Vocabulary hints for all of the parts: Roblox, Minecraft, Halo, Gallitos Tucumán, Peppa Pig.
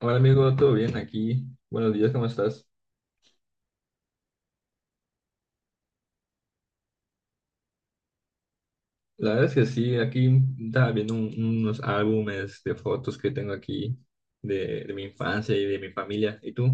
Hola amigo, ¿todo bien aquí? Buenos días, ¿cómo estás? La verdad es que sí, aquí estaba viendo unos álbumes de fotos que tengo aquí de mi infancia y de mi familia. ¿Y tú?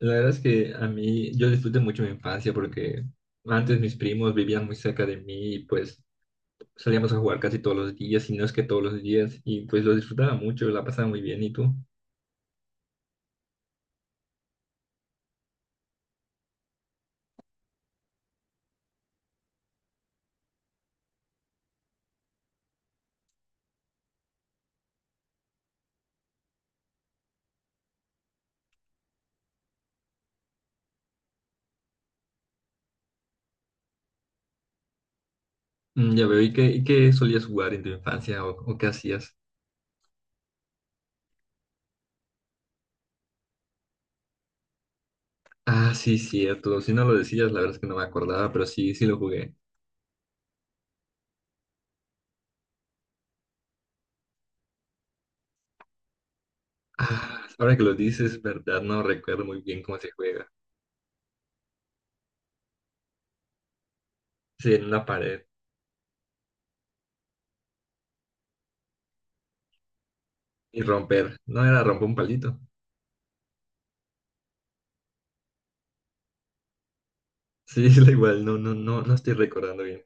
La verdad es que a mí, yo disfruté mucho mi infancia porque antes mis primos vivían muy cerca de mí y pues salíamos a jugar casi todos los días, y no es que todos los días, y pues lo disfrutaba mucho, la pasaba muy bien. ¿Y tú? Mm, ya veo, ¿y qué solías jugar en tu infancia o qué hacías? Ah, sí, cierto. Si no lo decías, la verdad es que no me acordaba, pero sí, sí lo jugué. Ah, ahora que lo dices, verdad, no recuerdo muy bien cómo se juega. Sí, en una pared y romper. No era romper un palito. Sí, es igual, no, no, no, no estoy recordando bien.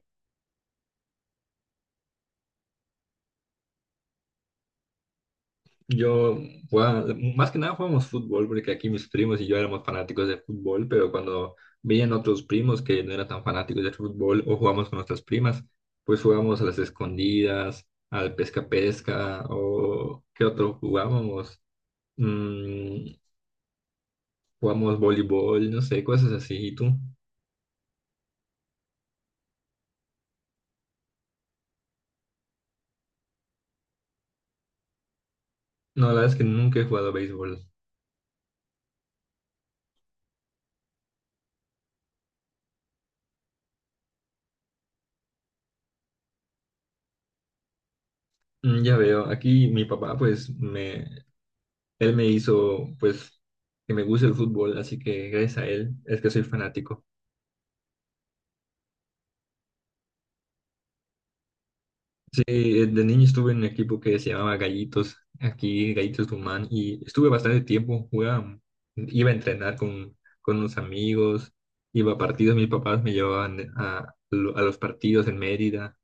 Yo, más que nada jugábamos fútbol, porque aquí mis primos y yo éramos fanáticos de fútbol, pero cuando veían otros primos que no eran tan fanáticos de fútbol o jugábamos con nuestras primas, pues jugábamos a las escondidas, al pesca-pesca o qué otro jugábamos. Mm, jugamos voleibol, no sé, cosas así. ¿Y tú? No, la verdad es que nunca he jugado béisbol. Mm, ya veo, aquí mi papá, pues, me, él me hizo, pues, que me guste el fútbol, así que gracias a él es que soy fanático. Sí, de niño estuve en un equipo que se llamaba Gallitos, aquí Gallitos Tucumán, y estuve bastante tiempo, jugaba, iba a entrenar con unos amigos, iba a partidos, mis papás me llevaban a los partidos en Mérida.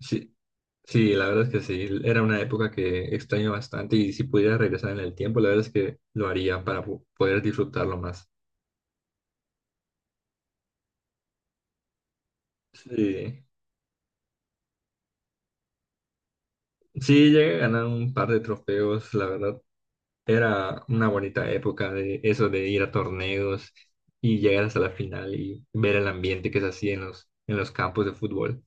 Sí, sí, la verdad es que sí, era una época que extraño bastante y si pudiera regresar en el tiempo, la verdad es que lo haría para poder disfrutarlo más. Sí, sí, llegué a ganar un par de trofeos, la verdad, era una bonita época de eso de ir a torneos y llegar hasta la final y ver el ambiente que se hacía en los campos de fútbol.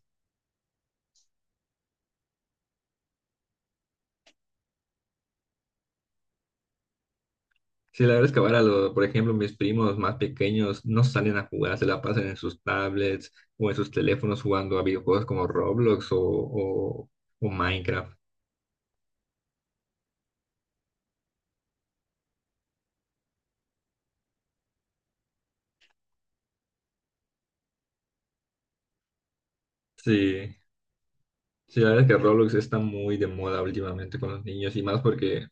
Sí, la verdad es que ahora, por ejemplo, mis primos más pequeños no salen a jugar, se la pasan en sus tablets o en sus teléfonos jugando a videojuegos como Roblox o Minecraft. Sí, sí, la verdad es que Roblox está muy de moda últimamente con los niños y más porque,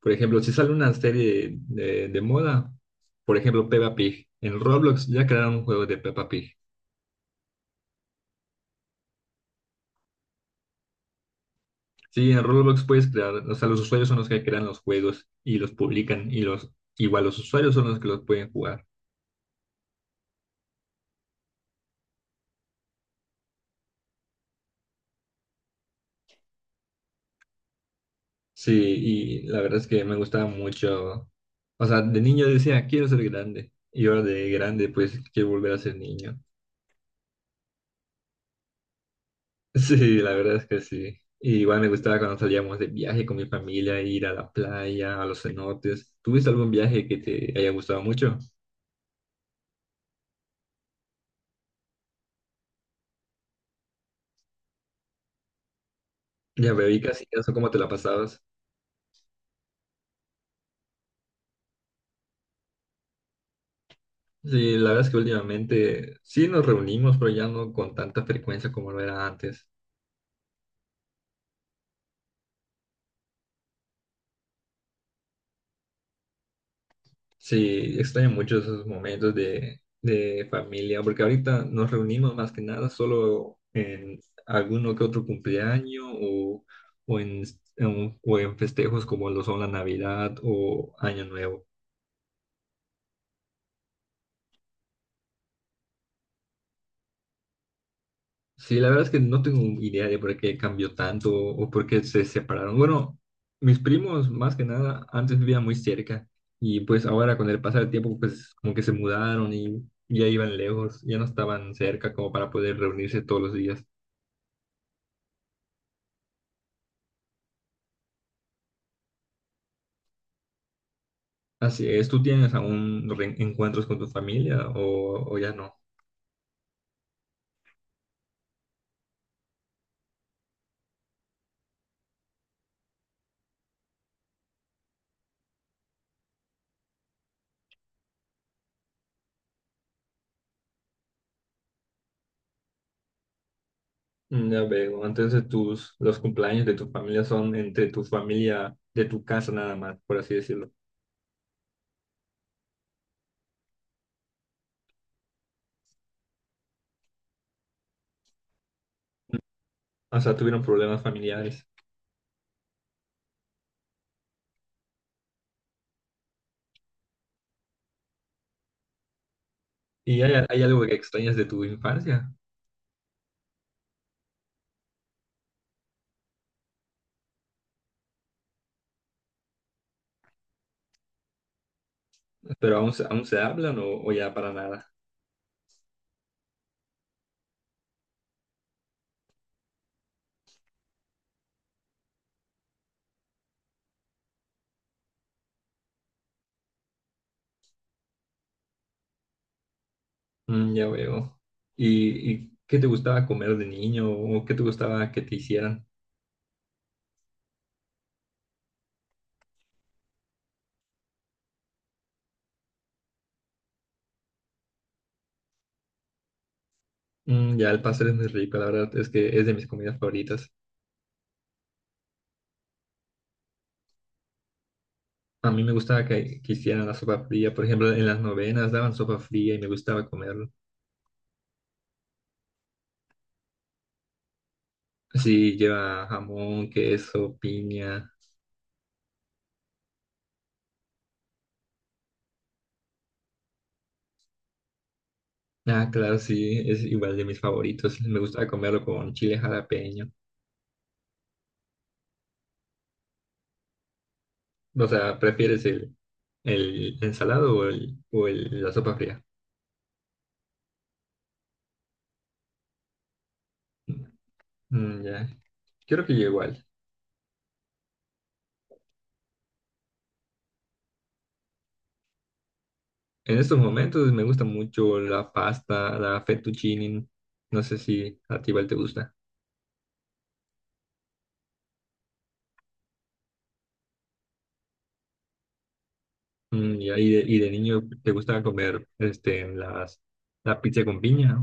por ejemplo, si sale una serie de moda, por ejemplo, Peppa Pig, en Roblox ya crearon un juego de Peppa Pig. Sí, en Roblox puedes crear, o sea, los usuarios son los que crean los juegos y los publican y igual los usuarios son los que los pueden jugar. Sí, y la verdad es que me gustaba mucho. O sea, de niño decía, quiero ser grande. Y ahora de grande, pues quiero volver a ser niño. Sí, la verdad es que sí. Y igual me gustaba cuando salíamos de viaje con mi familia, ir a la playa, a los cenotes. ¿Tuviste algún viaje que te haya gustado mucho? Ya veo, y casi eso, ¿cómo te la pasabas? Sí, la verdad es que últimamente sí nos reunimos, pero ya no con tanta frecuencia como lo era antes. Sí, extraño mucho esos momentos de familia, porque ahorita nos reunimos más que nada solo en alguno que otro cumpleaños o, en, o en festejos como lo son la Navidad o Año Nuevo. Sí, la verdad es que no tengo idea de por qué cambió tanto o por qué se separaron. Bueno, mis primos más que nada antes vivían muy cerca y pues ahora con el pasar del tiempo pues como que se mudaron y ya iban lejos, ya no estaban cerca como para poder reunirse todos los días. Así es, ¿tú tienes aún reencuentros con tu familia o ya no? Mm, ya veo, entonces tus, los cumpleaños de tu familia son entre tu familia de tu casa nada más, por así decirlo. O sea, tuvieron problemas familiares. ¿Y hay algo que extrañas de tu infancia? ¿Pero aún, aún se hablan o ya para nada? Mm, ya veo. ¿Y qué te gustaba comer de niño o qué te gustaba que te hicieran? Mm, ya el pastel es muy rico, la verdad es que es de mis comidas favoritas. A mí me gustaba que hicieran la sopa fría. Por ejemplo, en las novenas daban sopa fría y me gustaba comerlo. Sí, lleva jamón, queso, piña. Ah, claro, sí, es igual de mis favoritos. Me gustaba comerlo con chile jalapeño. O sea, ¿prefieres el ensalado o, el, o la sopa fría? Mm, ya, creo que yo igual. En estos momentos me gusta mucho la pasta, la fettuccine. No sé si a ti igual te gusta. Mm, ya, y de niño te gusta comer la pizza con piña.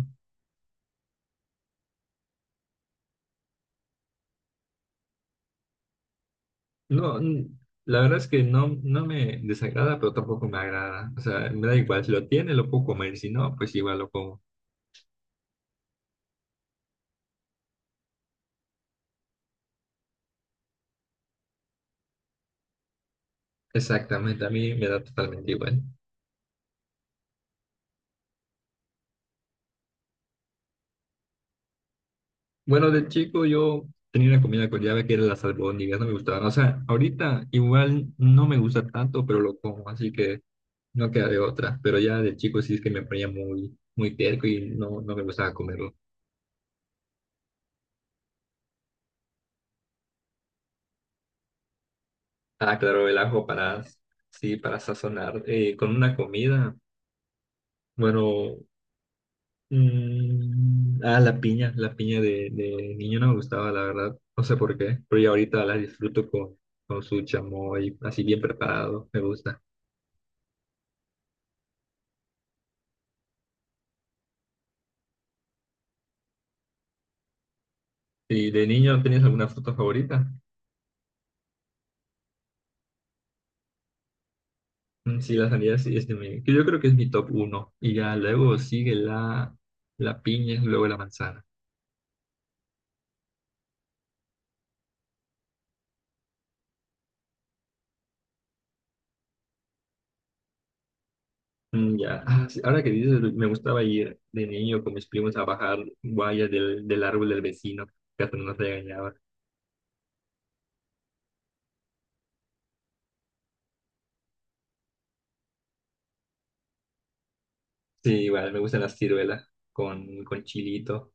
No, mm, la verdad es que no, no me desagrada, pero tampoco me agrada. O sea, me da igual, si lo tiene, lo puedo comer, si no, pues igual lo como. Exactamente, a mí me da totalmente igual. Bueno, de chico yo tenía una comida con llave que era las albóndigas, no me gustaban. O sea, ahorita igual no me gusta tanto, pero lo como, así que no queda de otra. Pero ya de chico sí es que me ponía muy, muy terco y no, no me gustaba comerlo. Ah, claro, el ajo sí, para sazonar con una comida. Bueno, mm, ah, la piña de niño no me gustaba, la verdad. No sé por qué, pero ya ahorita la disfruto con su chamoy, así bien preparado, me gusta. ¿Y de niño tenías alguna fruta favorita? Mm, sí, la sandía sí, es de mi, que yo creo que es mi top uno. Y ya luego sigue la piña, luego la manzana. Mm, ya, ah, sí, ahora que dices, me gustaba ir de niño con mis primos a bajar guayas del árbol del vecino, que hasta nos regañaba. Sí, igual, me gustan las ciruelas con chilito.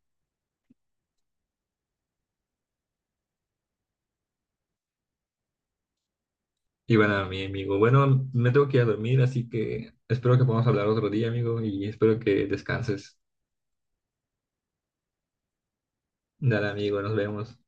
Y bueno, mi amigo, bueno, me tengo que ir a dormir, así que espero que podamos hablar otro día, amigo, y espero que descanses. Dale, amigo, nos vemos.